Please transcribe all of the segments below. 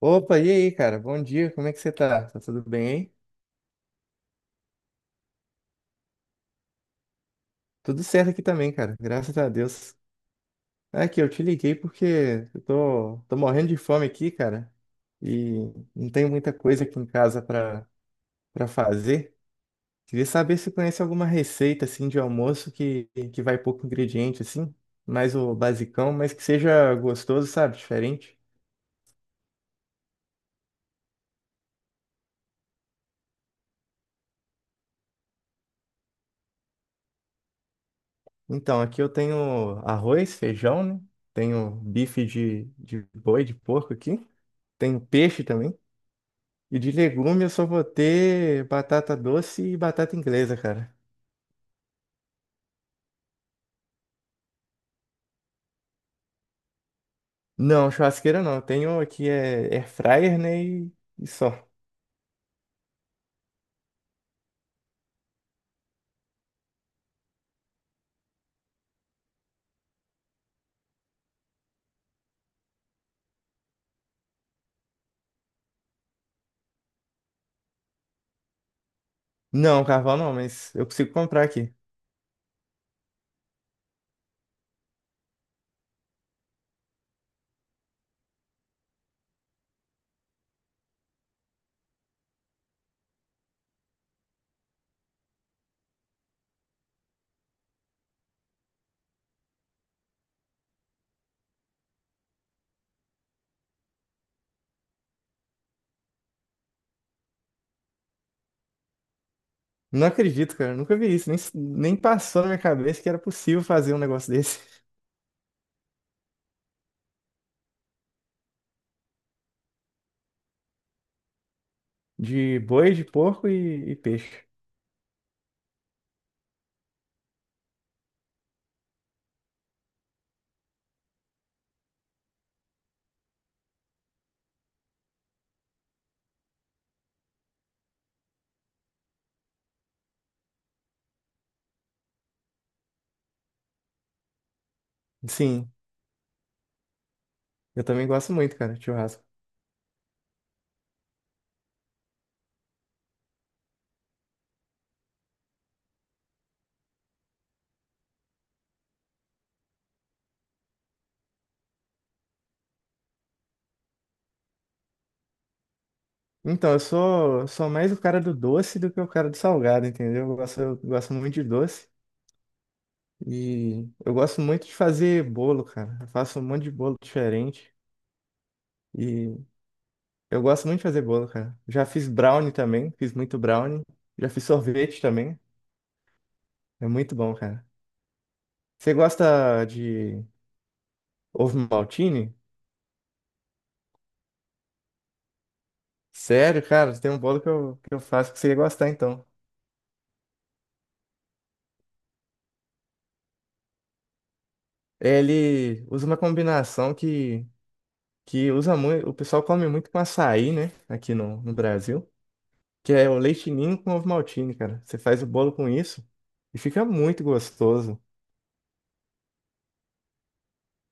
Opa, e aí, cara? Bom dia, como é que você tá? Tá tudo bem, hein? Tudo certo aqui também, cara, graças a Deus. Aqui, eu te liguei porque eu tô morrendo de fome aqui, cara, e não tenho muita coisa aqui em casa pra fazer. Queria saber se conhece alguma receita, assim, de almoço que vai pouco ingrediente, assim, mais o basicão, mas que seja gostoso, sabe? Diferente. Então, aqui eu tenho arroz, feijão, né? Tenho bife de boi, de porco aqui. Tenho peixe também. E de legume eu só vou ter batata doce e batata inglesa, cara. Não, churrasqueira não. Eu tenho aqui é air fryer, né? E só. Não, carvão não, mas eu consigo comprar aqui. Não acredito, cara. Eu nunca vi isso. Nem passou na minha cabeça que era possível fazer um negócio desse. De boi, de porco e peixe. Sim, eu também gosto muito, cara, de churrasco. Então, eu sou mais o cara do doce do que o cara do salgado, entendeu? Eu gosto muito de doce. E eu gosto muito de fazer bolo, cara. Eu faço um monte de bolo diferente. E eu gosto muito de fazer bolo, cara. Já fiz brownie também, fiz muito brownie. Já fiz sorvete também. É muito bom, cara. Você gosta de ovo maltine? Sério, cara, tem um bolo que eu faço que você ia gostar, então. Ele usa uma combinação que usa muito. O pessoal come muito com açaí, né? Aqui no Brasil. Que é o leite ninho com ovo maltine, cara. Você faz o bolo com isso e fica muito gostoso.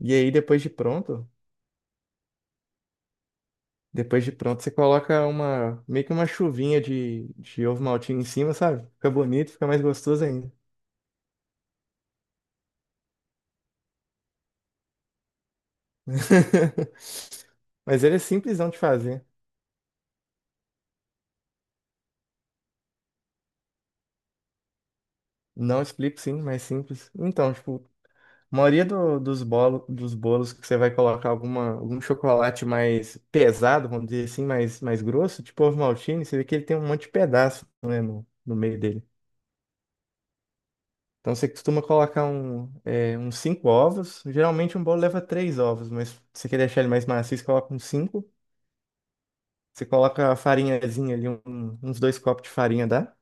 E aí depois de pronto você coloca uma meio que uma chuvinha de ovo maltine em cima, sabe? Fica bonito, fica mais gostoso ainda. Mas ele é simplesão de fazer. Não, explico sim, mas simples. Então, tipo, a maioria dos bolos que você vai colocar algum chocolate mais pesado, vamos dizer assim, mais grosso, tipo ovo maltine, você vê que ele tem um monte de pedaço, né, no meio dele. Então você costuma colocar um, é, uns cinco ovos. Geralmente um bolo leva três ovos, mas se você quer deixar ele mais macio, você coloca uns cinco. Você coloca a farinhazinha ali, uns dois copos de farinha, dá?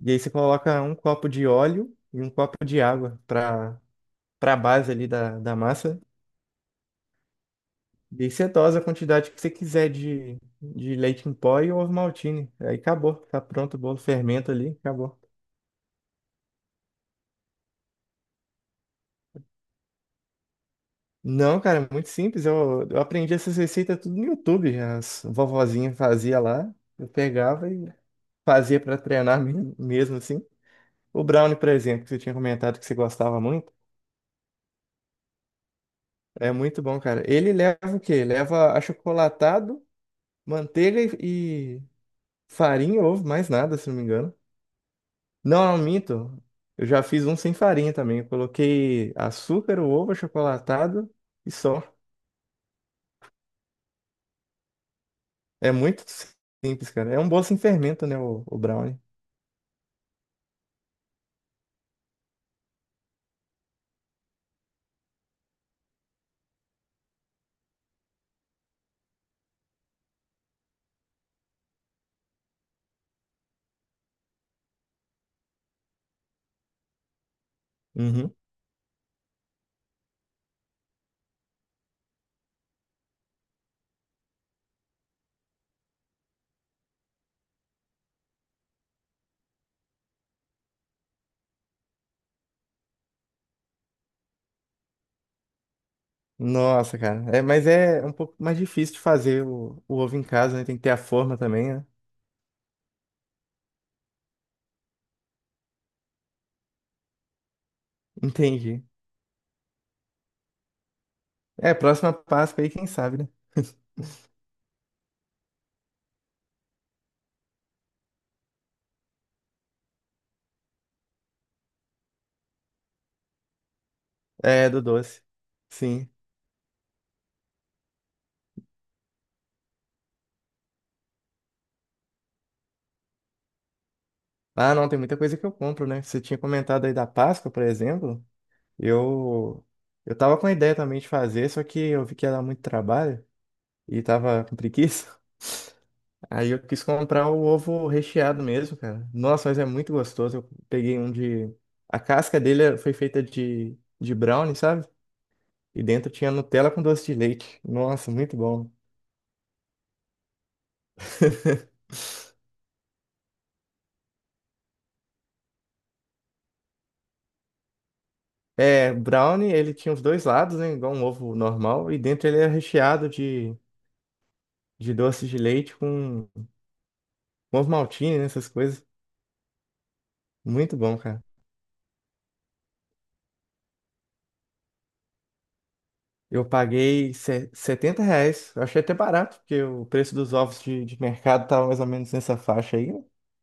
E aí você coloca um copo de óleo e um copo de água para a base ali da massa. E você dose a quantidade que você quiser de leite em pó e ovo maltine. Aí acabou, tá pronto o bolo, fermenta ali, acabou. Não, cara, é muito simples. Eu aprendi essas receitas tudo no YouTube. As vovozinhas fazia lá, eu pegava e fazia pra treinar mesmo, mesmo assim. O brownie, por exemplo, que você tinha comentado que você gostava muito, é muito bom, cara. Ele leva o quê? Leva achocolatado, manteiga e farinha, ovo, mais nada, se não me engano. Não, não minto. Eu já fiz um sem farinha também. Eu coloquei açúcar, o ovo achocolatado e só. É muito simples, cara. É um bolo sem fermento, né, o brownie. Uhum. Nossa, cara. É, mas é um pouco mais difícil de fazer o ovo em casa, né? Tem que ter a forma também, né? Entendi. É, próxima Páscoa aí, quem sabe, né? É, do doce. Sim. Ah, não, tem muita coisa que eu compro, né? Você tinha comentado aí da Páscoa, por exemplo. Eu, eu tava com a ideia também de fazer, só que eu vi que ia dar muito trabalho e tava com preguiça. Aí eu quis comprar o ovo recheado mesmo, cara. Nossa, mas é muito gostoso. Eu peguei um de. A casca dele foi feita de brownie, sabe? E dentro tinha Nutella com doce de leite. Nossa, muito bom. É, brownie, ele tinha os dois lados, né? Igual um ovo normal. E dentro ele era recheado de doce de leite com ovo maltine, né, essas coisas. Muito bom, cara. Eu paguei R$ 70. Eu achei até barato, porque o preço dos ovos de mercado estava mais ou menos nessa faixa aí,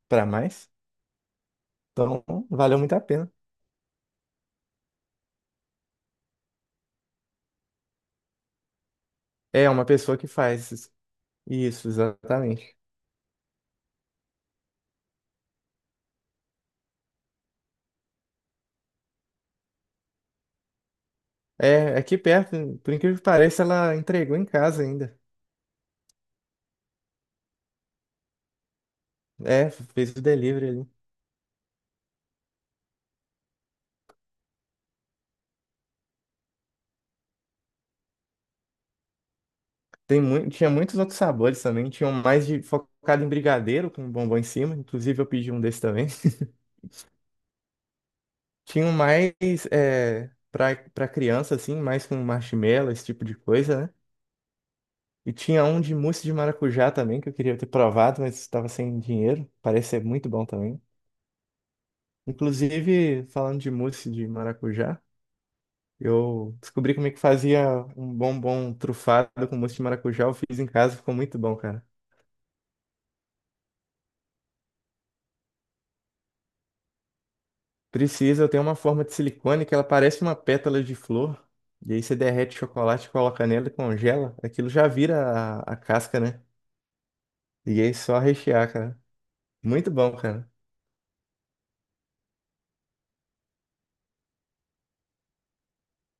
para mais. Então, valeu muito a pena. É uma pessoa que faz isso. Isso, exatamente. É, é aqui perto, por incrível que pareça, ela entregou em casa ainda. É, fez o delivery ali. Tem muito, tinha muitos outros sabores também. Tinham mais de, focado em brigadeiro, com bombom em cima. Inclusive, eu pedi um desse também. Tinham mais é, para criança, assim, mais com marshmallow, esse tipo de coisa, né? E tinha um de mousse de maracujá também, que eu queria ter provado, mas estava sem dinheiro. Parece ser muito bom também. Inclusive, falando de mousse de maracujá, eu descobri como é que fazia um bombom trufado com mousse de maracujá. Eu fiz em casa, ficou muito bom, cara. Precisa, eu tenho uma forma de silicone que ela parece uma pétala de flor. E aí você derrete chocolate, coloca nela e congela. Aquilo já vira a casca, né? E aí é só rechear, cara. Muito bom, cara.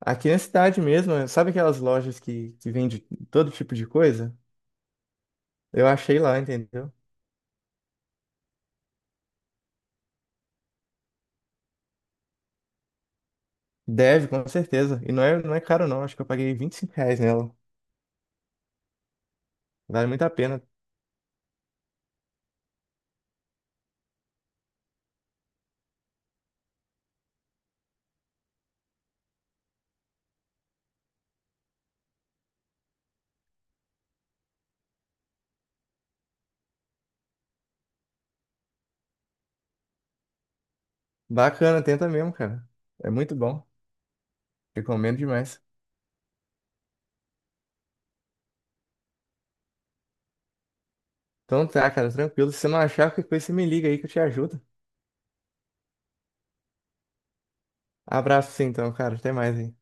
Aqui na cidade mesmo, é, sabe aquelas lojas que vende todo tipo de coisa? Eu achei lá, entendeu? Deve, com certeza. E não é, não é caro, não. Acho que eu paguei R$ 25 nela. Vale muito a pena. Bacana, tenta mesmo, cara. É muito bom. Recomendo demais. Então tá, cara, tranquilo. Se você não achar qualquer coisa, você me liga aí que eu te ajudo. Abraço, sim, então, cara. Até mais aí.